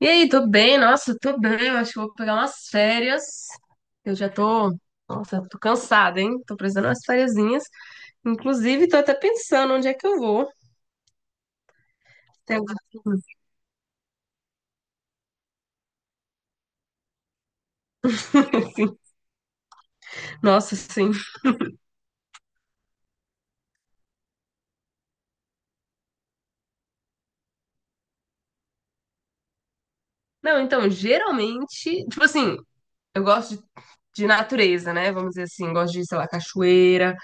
E aí, tô bem, nossa, tô bem, eu acho que vou pegar umas férias. Eu já tô, nossa, tô cansada, hein? Tô precisando de umas fériasinhas. Inclusive, tô até pensando onde é que eu vou. Tem algum- assim, nossa, sim. Não, então, geralmente, tipo assim, eu gosto de natureza, né? Vamos dizer assim, gosto de, sei lá, cachoeira.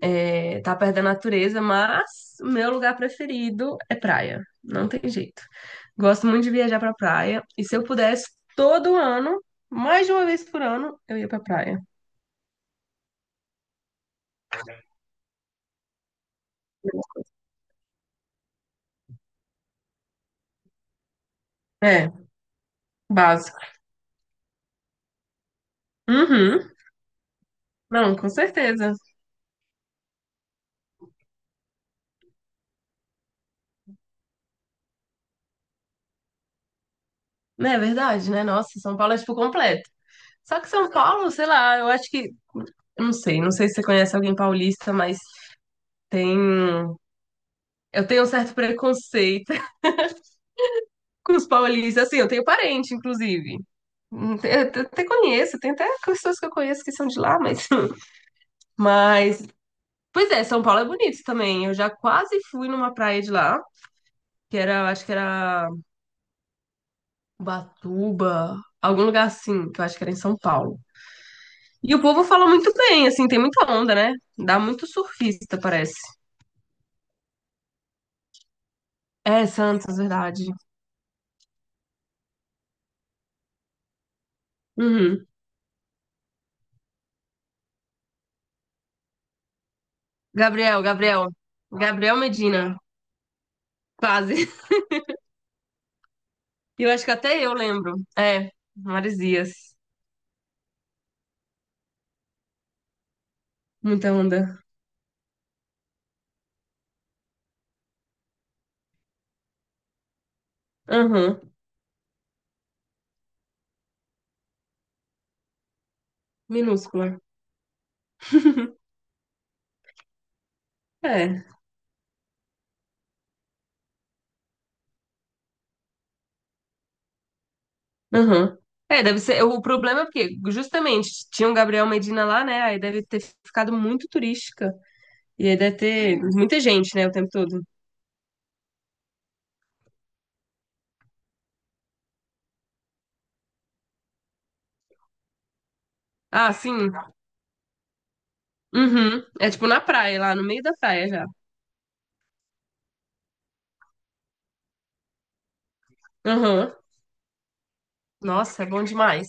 É, tá perdendo a natureza, mas o meu lugar preferido é praia. Não tem jeito. Gosto muito de viajar pra praia. E se eu pudesse, todo ano, mais de uma vez por ano, eu ia pra praia. É, básico. Uhum. Não, com certeza. Não é verdade, né? Nossa, São Paulo é tipo completo. Só que São Paulo, sei lá, eu acho que. Eu não sei se você conhece alguém paulista, mas tem. Eu tenho um certo preconceito com os paulistas. Assim, eu tenho parente, inclusive. Eu até conheço, tem até pessoas que eu conheço que são de lá, mas. Mas. Pois é, São Paulo é bonito também. Eu já quase fui numa praia de lá, que era, acho que era Ubatuba, algum lugar assim, que eu acho que era em São Paulo. E o povo fala muito bem, assim, tem muita onda, né? Dá muito surfista, parece. É, Santos, verdade. Uhum. Gabriel. Gabriel Medina, quase. Eu acho que até eu lembro. É, Maresias. Muita onda. Aham, minúscula. É. Aham. É, deve ser. O problema é porque, justamente, tinha um Gabriel Medina lá, né? Aí deve ter ficado muito turística. E aí deve ter muita gente, né, o tempo todo. Ah, sim. Uhum. É tipo na praia, lá no meio da praia já. Aham. Nossa, é bom demais.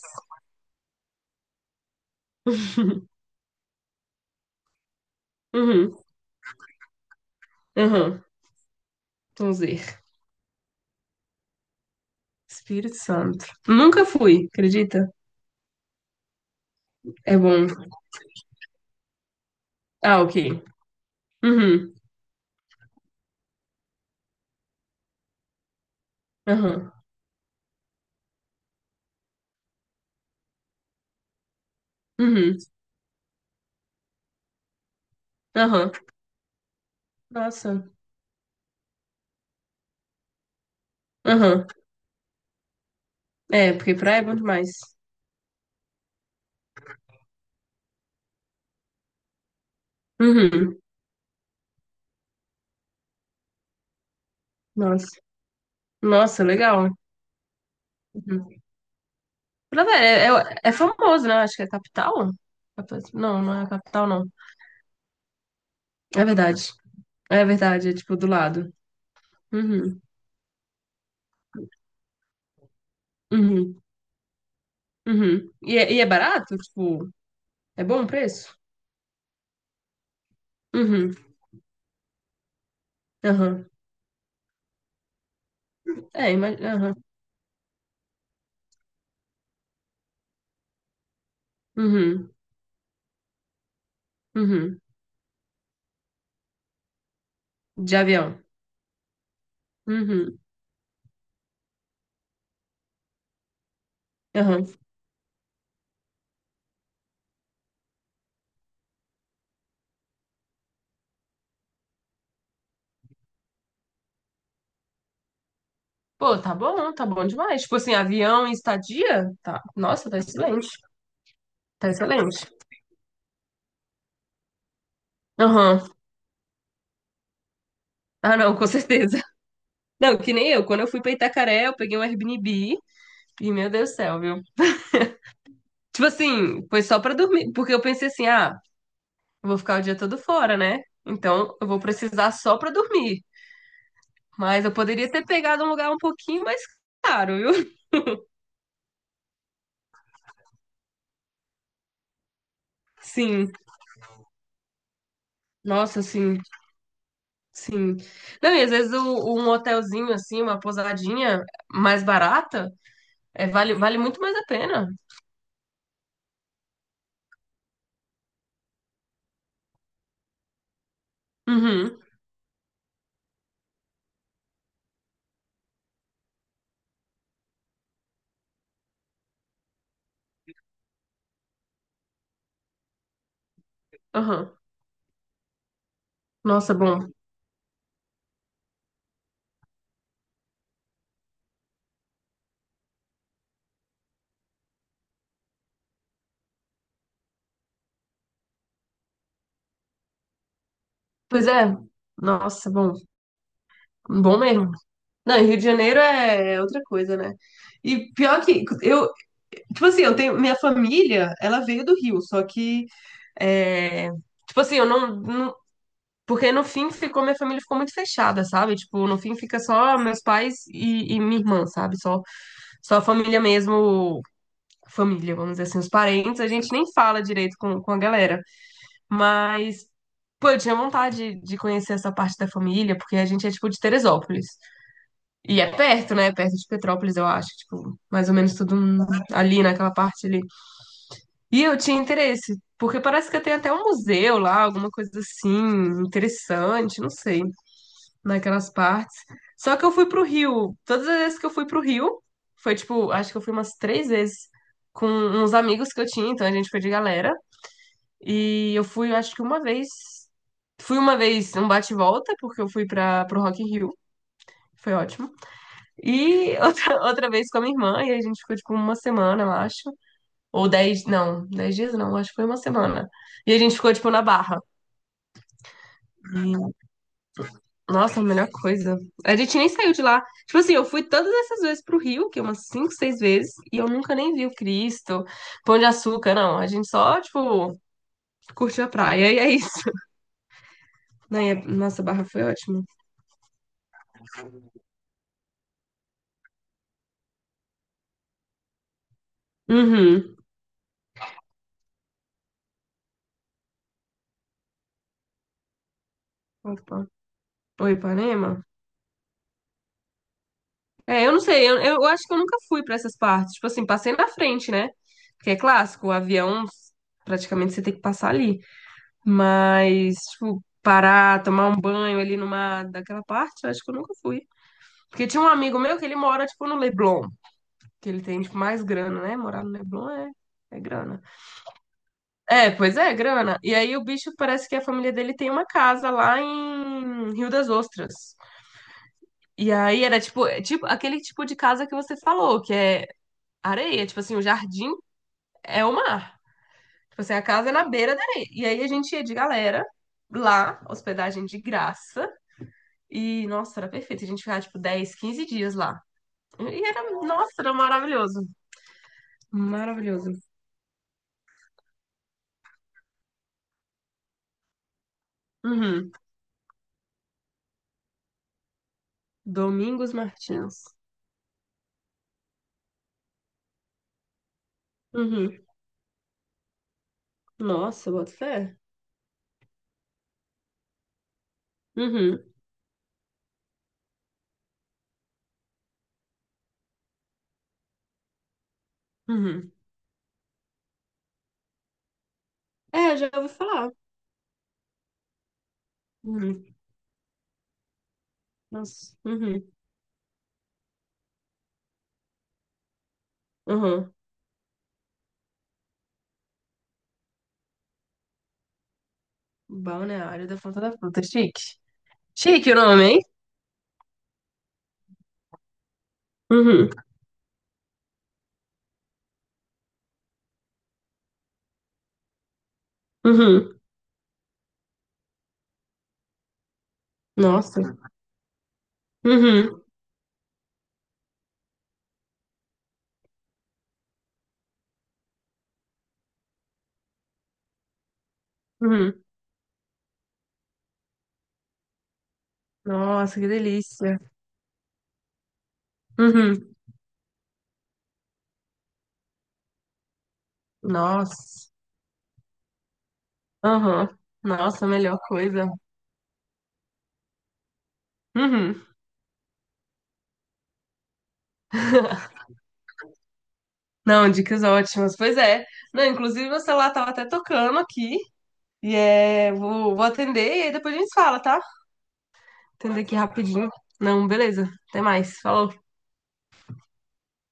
Uhum. Aham. Vamos ver. Espírito Santo. Nunca fui, acredita? É bom. Ah, ok. Uhum. Aham. Uhum. Aham. Nossa. Aham. É, porque praia é bom demais. Uhum. Nossa. Nossa, legal. Uhum. Ver, é famoso, né? Acho que é capital. Não, não é a capital, não. É verdade. É verdade, é tipo do lado. Uhum, uhum, uhum. E é barato? Tipo, é bom o preço? Uhum, aham. É, imagina. Aham, uhum, uhum. De avião. Uhum, aham. Pô, tá bom demais. Tipo assim, avião e estadia? Tá. Nossa, tá excelente. Tá excelente. Aham. Ah, não, com certeza. Não, que nem eu. Quando eu fui pra Itacaré, eu peguei um Airbnb. E meu Deus do céu, viu? Tipo assim, foi só pra dormir. Porque eu pensei assim, ah, eu vou ficar o dia todo fora, né? Então eu vou precisar só pra dormir. Mas eu poderia ter pegado um lugar um pouquinho mais caro, viu? Sim, nossa, sim, sim. Não, e às vezes o- um hotelzinho, assim, uma pousadinha mais barata, é, vale, vale muito mais a pena. Uhum, uhum. Nossa, bom. Pois é, nossa, bom. Bom mesmo. Não, e Rio de Janeiro é outra coisa, né? E pior que eu. Tipo assim, eu tenho, minha família, ela veio do Rio, só que, é, tipo assim, eu não, não- porque no fim ficou, minha família ficou muito fechada, sabe? Tipo, no fim fica só meus pais e minha irmã, sabe? Só, só a família mesmo, família, vamos dizer assim, os parentes, a gente nem fala direito com a galera, mas. Pô, eu tinha vontade de conhecer essa parte da família, porque a gente é, tipo, de Teresópolis. E é perto, né? Perto de Petrópolis, eu acho. Tipo, mais ou menos tudo ali naquela parte ali. E eu tinha interesse, porque parece que tem até um museu lá, alguma coisa assim, interessante, não sei, naquelas partes. Só que eu fui pro Rio, todas as vezes que eu fui pro Rio, foi tipo, acho que eu fui umas três vezes com uns amigos que eu tinha, então a gente foi de galera. E eu fui, acho que uma vez, fui uma vez um bate-volta, porque eu fui pra, pro Rock in Rio, foi ótimo. E outra, outra vez com a minha irmã, e a gente ficou tipo uma semana, eu acho. Ou 10 não, 10 dias não, acho que foi uma semana. E a gente ficou, tipo, na Barra. E, nossa, a melhor coisa. A gente nem saiu de lá. Tipo assim, eu fui todas essas vezes pro Rio, que é umas 5 6 vezes, e eu nunca nem vi o Cristo, Pão de Açúcar, não. A gente só, tipo, curtiu a praia e é isso. Né, e a- Nossa, a Barra foi ótima. Uhum. Opa. Oi, Ipanema? É, eu não sei, eu acho que eu nunca fui pra essas partes. Tipo assim, passei na frente, né? Porque é clássico, o avião, praticamente você tem que passar ali. Mas, tipo, parar, tomar um banho ali numa daquela parte, eu acho que eu nunca fui. Porque tinha um amigo meu que ele mora, tipo, no Leblon, que ele tem, tipo, mais grana, né? Morar no Leblon é, é grana. É, pois é, grana. E aí o bicho parece que a família dele tem uma casa lá em Rio das Ostras. E aí era tipo, é tipo aquele tipo de casa que você falou, que é areia, tipo assim, o jardim é o mar. Tipo assim, a casa é na beira da areia. E aí a gente ia de galera lá, hospedagem de graça. E, nossa, era perfeito. A gente ficava, tipo, 10 15 dias lá. E era, nossa, era maravilhoso. Maravilhoso. Uhum. Domingos Martins. Uhum. Nossa, bota fé. Uhum. Uhum. É, já ouvi falar. Uhum. Nossa. Uhum. Uhum. Balneário da Fonte da Fruta. Chique. Chique o nome, hein? Uhum. Uhum. Nossa. Uhum. Uhum. Nossa, que delícia. Uhum. Nossa. Aham. Nossa, a melhor coisa. Uhum. Não, dicas ótimas. Pois é. Não, inclusive meu celular tava até tocando aqui. E é, vou atender e aí depois a gente fala, tá? Atender aqui rapidinho. Não, beleza. Até mais. Falou.